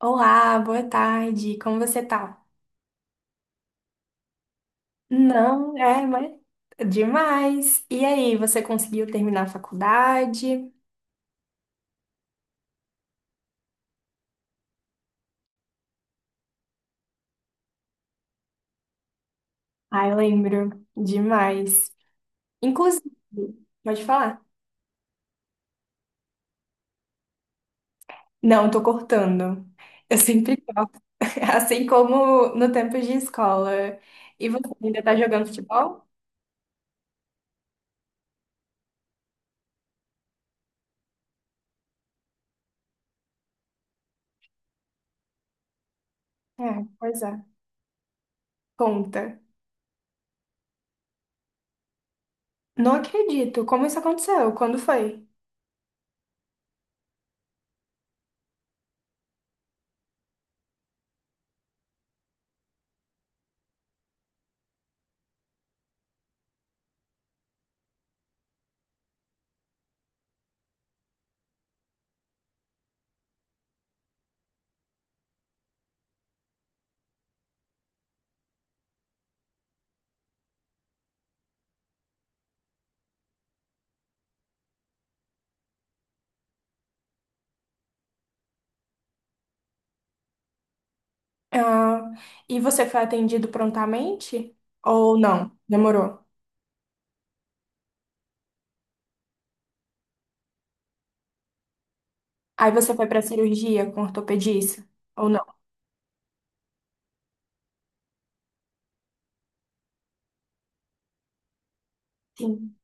Olá, boa tarde. Como você tá? Não, é, mas demais. E aí, você conseguiu terminar a faculdade? Ai, lembro. Demais. Inclusive, pode falar. Não, tô cortando. Eu sempre corto, assim como no tempo de escola. E você ainda tá jogando futebol? É, pois é. Conta. Não acredito. Como isso aconteceu? Quando foi? Ah, e você foi atendido prontamente? Ou não? Demorou? Aí você foi pra cirurgia com ortopedista? Ou não? Sim.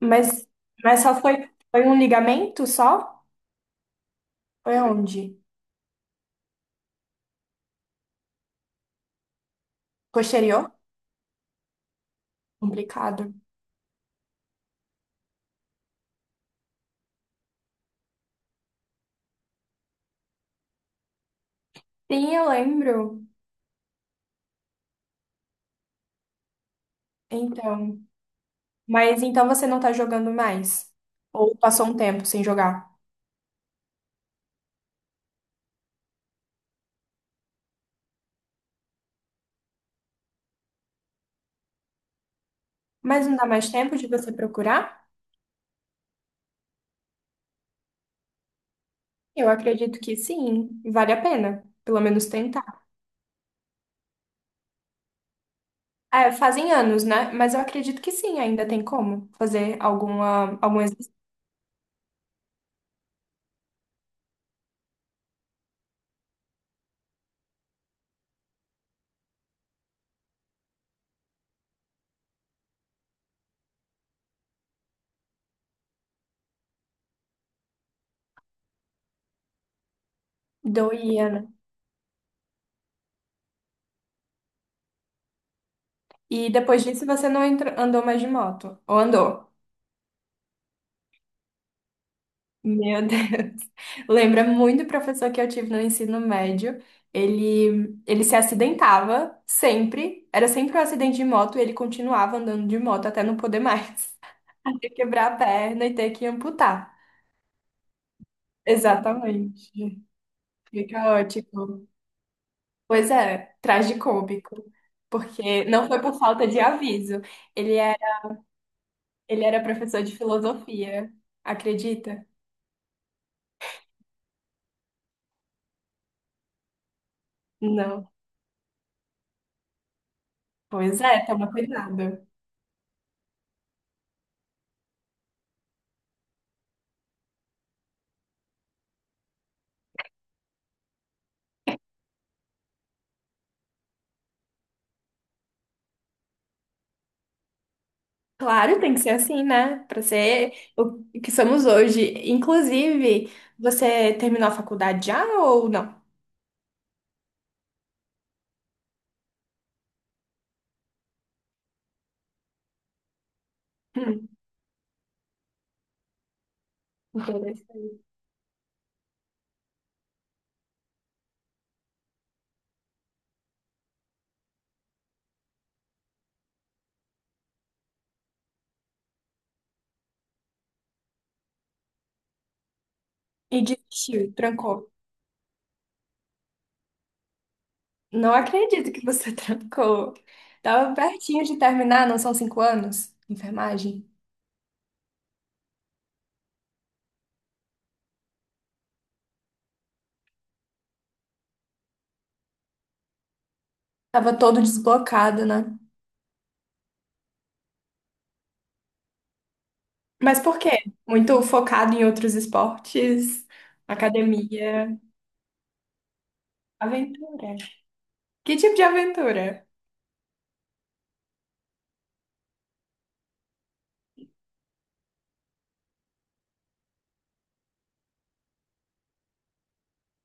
Mas, mas só foi, um ligamento só? Foi onde? Posterior? Complicado. Sim, eu lembro. Então. Mas então você não tá jogando mais? Ou passou um tempo sem jogar? Mas não dá mais tempo de você procurar? Eu acredito que sim. Vale a pena. Pelo menos tentar. É, fazem anos, né? Mas eu acredito que sim, ainda tem como fazer alguma, algum exercício. Doía, né? E depois disso você não entra- andou mais de moto. Ou andou? Meu Deus. Lembra muito o professor que eu tive no ensino médio. Ele se acidentava sempre. Era sempre um acidente de moto e ele continuava andando de moto até não poder mais. Até quebrar a perna e ter que amputar. Exatamente. Fica ótimo. Pois é, tragicômico. Porque não foi por falta de aviso. Ele era, ele era professor de filosofia. Acredita? Não. Pois é, toma cuidado. Claro, tem que ser assim, né? Para ser o que somos hoje. Inclusive, você terminou a faculdade já ou não? Hum, interessante. E desistiu, trancou. Não acredito que você trancou. Tava pertinho de terminar, não são 5 anos? Enfermagem. Tava todo desblocado, né? Mas por quê? Muito focado em outros esportes, academia, aventura. Que tipo de aventura,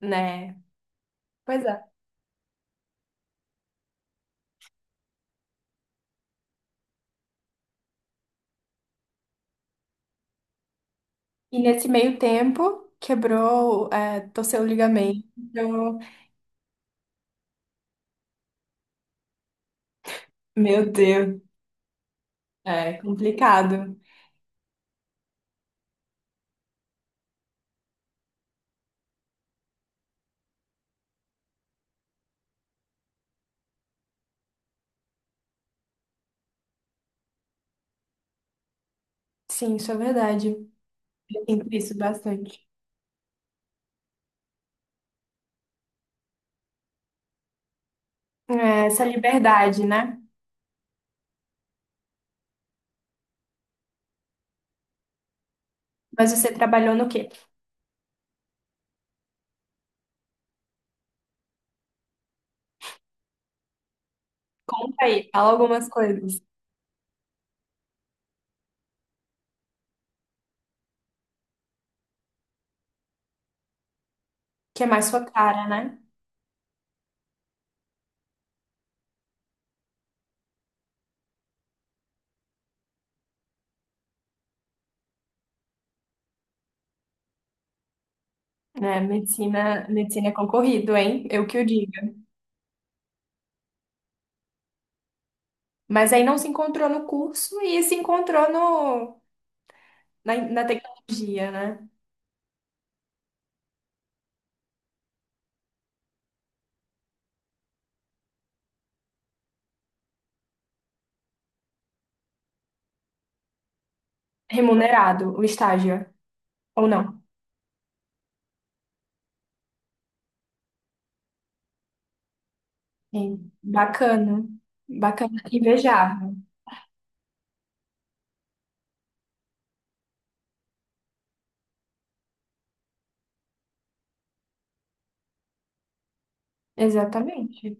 né? Pois é. E nesse meio tempo, quebrou, é, torceu o ligamento. Então, Meu Deus, é complicado. Sim, isso é verdade. Eu sinto isso bastante. É, essa liberdade, né? Mas você trabalhou no quê? Conta aí, fala algumas coisas. Que é mais sua cara, né? É, medicina, medicina é concorrido, hein? Eu que o diga. Mas aí não se encontrou no curso e se encontrou no, na, na tecnologia, né? Remunerado, o estágio, ou não? É, bacana, bacana, invejável. Exatamente.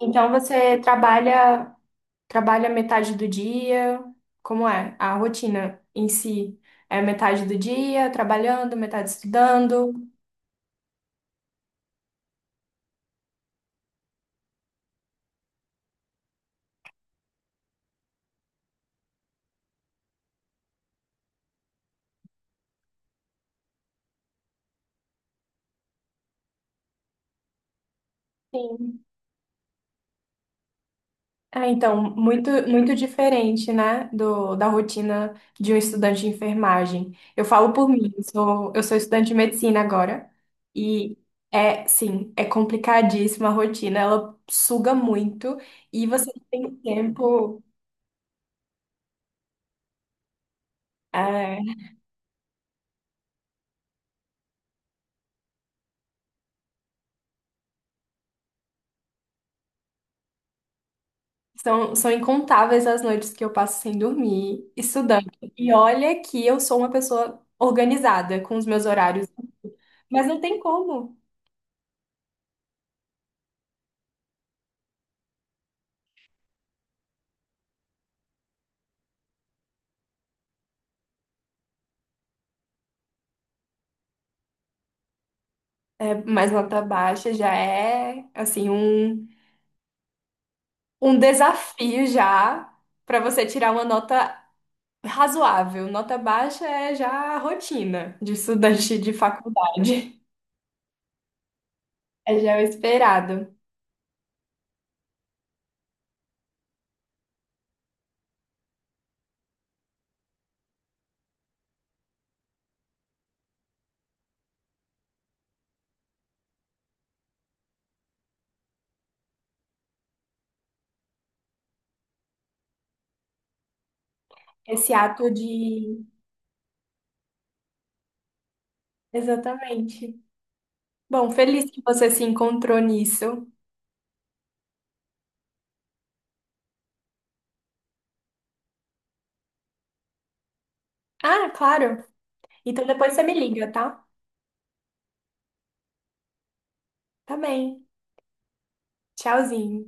Então você trabalha, trabalha metade do dia, como é? A rotina em si é metade do dia trabalhando, metade estudando. Sim. Ah, então, muito, muito diferente, né, da rotina de um estudante de enfermagem. Eu falo por mim, eu sou estudante de medicina agora, e é, sim, é complicadíssima a rotina, ela suga muito, e você não tem tempo, é, são incontáveis as noites que eu passo sem dormir, estudando. E olha que eu sou uma pessoa organizada com os meus horários, mas não tem como. É, mais nota baixa já é, assim, um desafio já para você tirar uma nota razoável. Nota baixa é já a rotina de estudante de faculdade. É já o esperado. Esse ato de. Exatamente. Bom, feliz que você se encontrou nisso. Ah, claro. Então depois você me liga, tá? Tá bem. Tchauzinho.